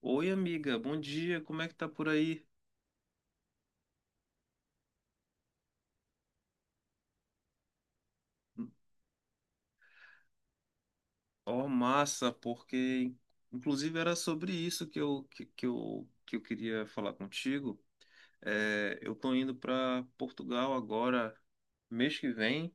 Oi, amiga, bom dia, como é que tá por aí? Ó, massa, porque inclusive era sobre isso que eu queria falar contigo. É, eu tô indo para Portugal agora, mês que vem,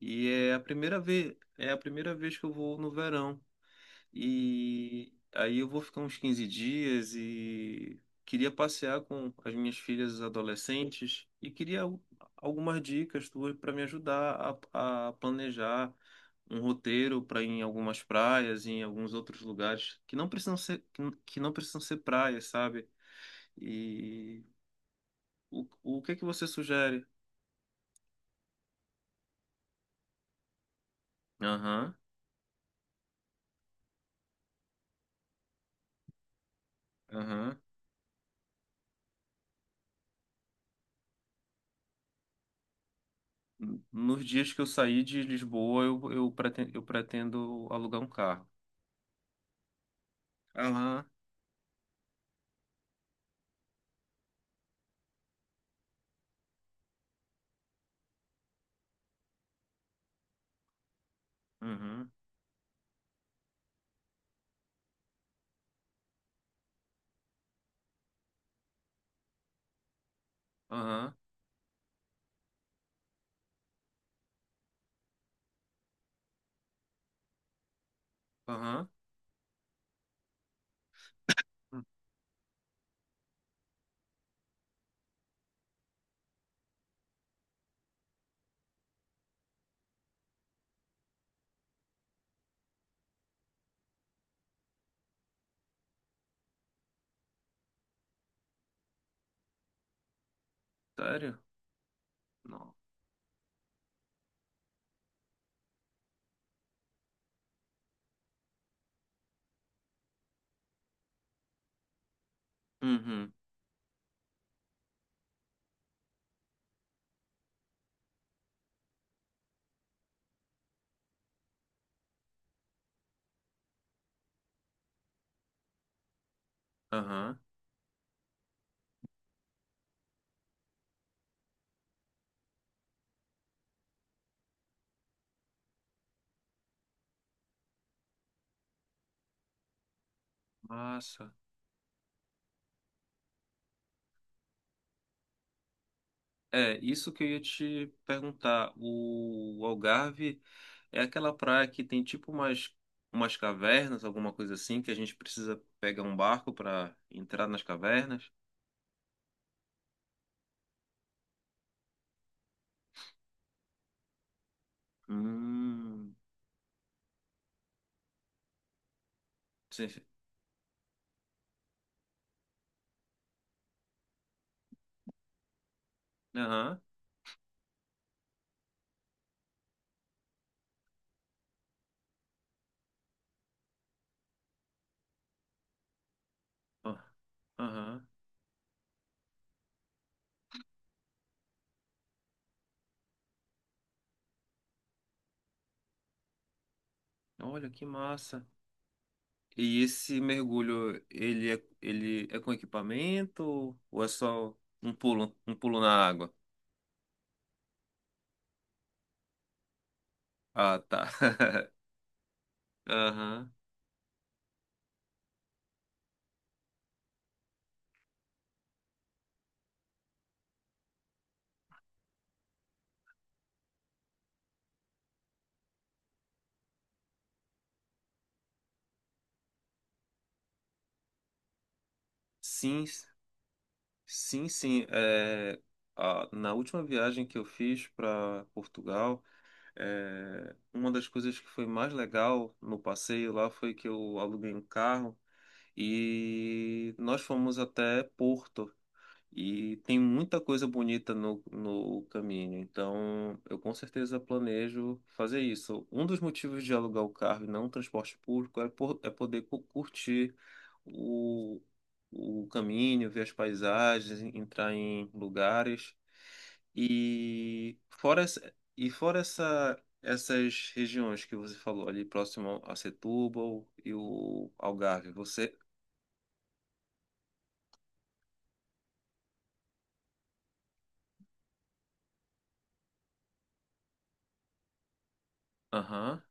e é a primeira vez que eu vou no verão. E aí eu vou ficar uns 15 dias e queria passear com as minhas filhas adolescentes e queria algumas dicas tuas para me ajudar a planejar um roteiro para ir em algumas praias, em alguns outros lugares que não precisam ser praias, sabe? E o que é que você sugere? Aham, aham. Nos dias que eu sair de Lisboa, eu pretendo alugar um carro. Aham. Uhum. Aham, aham. Hum, sério? Não. Uhum. Aham, massa. É, isso que eu ia te perguntar. O Algarve é aquela praia que tem tipo umas cavernas, alguma coisa assim, que a gente precisa pegar um barco para entrar nas cavernas? Hum. Sim, sim. Aham, ó, aham. Olha que massa. E esse mergulho, ele é com equipamento ou é só um pulo na água? Ah, tá. Aham. Sim, sim, sim. É, ah, na última viagem que eu fiz para Portugal, uma das coisas que foi mais legal no passeio lá foi que eu aluguei um carro e nós fomos até Porto. E tem muita coisa bonita no caminho, então eu com certeza planejo fazer isso. Um dos motivos de alugar o carro e não transporte público é poder curtir o, o caminho, ver as paisagens, entrar em lugares. Essas regiões que você falou ali próximo a Setúbal e o Algarve, você. Aham.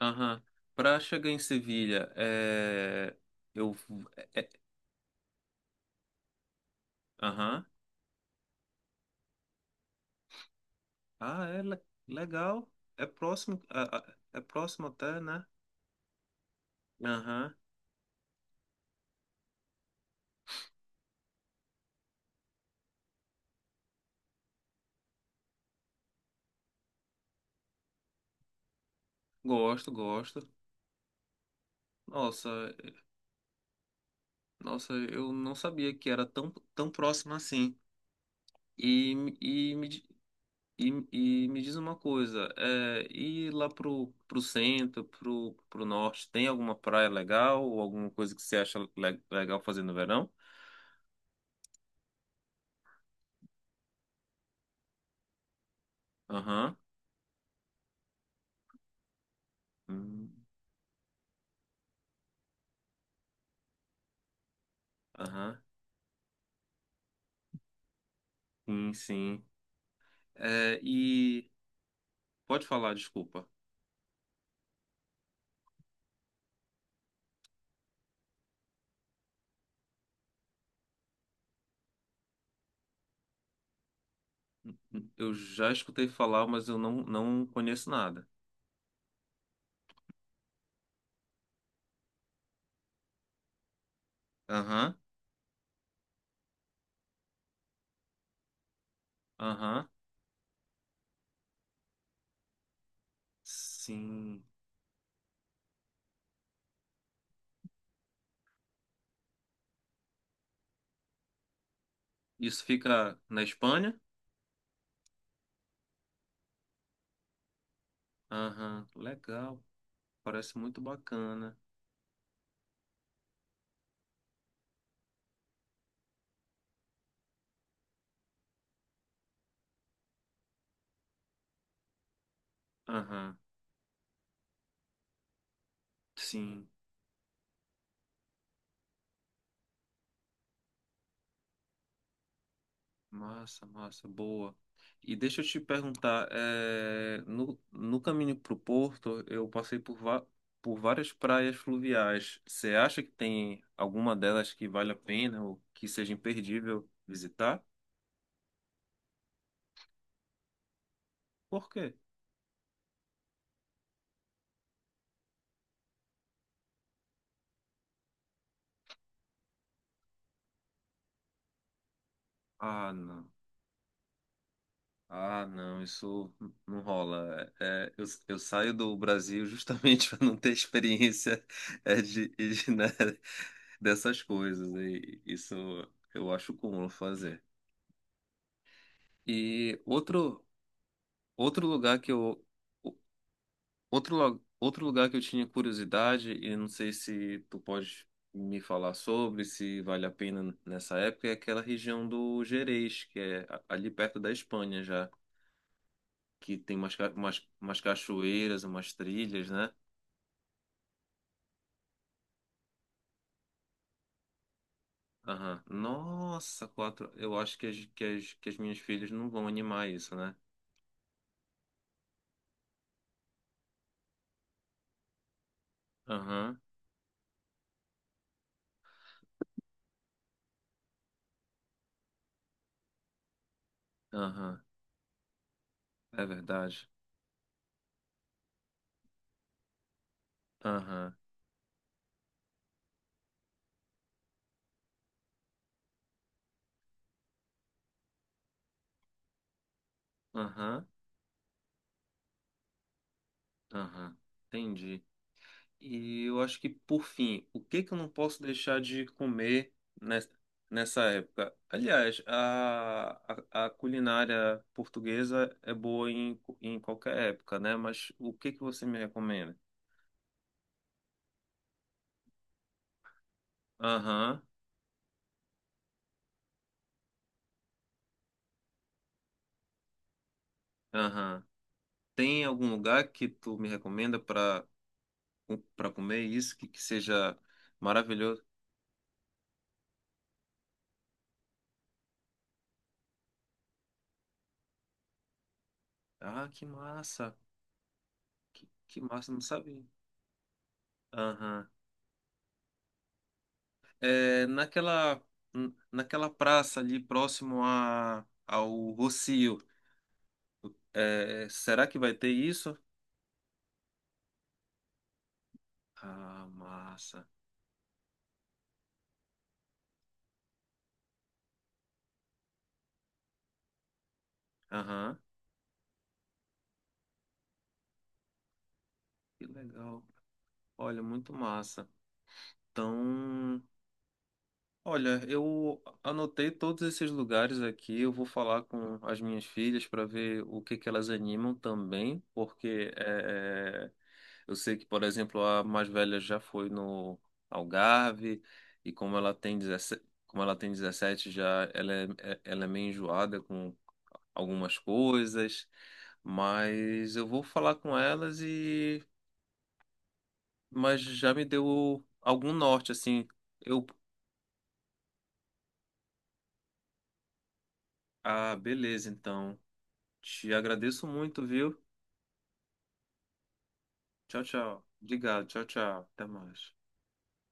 Aham. Pra chegar em Sevilha, eu. é- é- Aham. Ah, é legal. É próximo, é próximo até, né? Aham. Gosto, gosto. Nossa, nossa, eu não sabia que era tão, tão próximo assim. E, me- e, me, di- e, e me diz uma coisa, e lá pro, pro centro, pro norte, tem alguma praia legal ou alguma coisa que você acha legal fazer no verão? Aham. Hum, aham. Sim, sim. É, e pode falar, desculpa. Eu já escutei falar, mas eu não conheço nada. Aham, aham. Sim. Isso fica na Espanha? Aham, legal. Parece muito bacana. Aham, sim. Massa, massa, boa. E deixa eu te perguntar, no caminho para o Porto, eu passei por várias praias fluviais. Você acha que tem alguma delas que vale a pena ou que seja imperdível visitar? Por quê? Ah, não. Ah, não, isso não rola. É, eu saio do Brasil justamente para não ter experiência de, né, dessas coisas. E isso eu acho comum fazer. E outro, Outro lugar que eu o- tinha curiosidade e não sei se tu pode me falar sobre, se vale a pena nessa época, é aquela região do Gerês, que é ali perto da Espanha já, que tem umas cachoeiras, umas trilhas, né? Aham. Nossa, quatro. Eu acho que as minhas filhas não vão animar isso, né? Aham, aham. É verdade. Aham, aham, aham. Entendi. E eu acho que, por fim, o que que eu não posso deixar de comer nes- nessa época? Aliás, a culinária portuguesa é boa em qualquer época, né? Mas o que que você me recomenda? Aham, aham. Tem algum lugar que tu me recomenda para comer isso que seja maravilhoso? Ah, que massa! Que massa, não sabia. Aham. é, naquela, naquela praça ali próximo a, ao Rossio. É, será que vai ter isso? Ah, massa. Aham, que legal. Olha, muito massa. Então. Olha, eu anotei todos esses lugares aqui. Eu vou falar com as minhas filhas para ver o que que elas animam também, porque eu sei que, por exemplo, a mais velha já foi no Algarve e como ela tem 17 já ela é meio enjoada com algumas coisas, mas eu vou falar com elas e mas já me deu algum norte assim. Eu, ah, beleza, então. Te agradeço muito, viu? Tchau, tchau. Obrigado. Tchau, tchau. Até mais.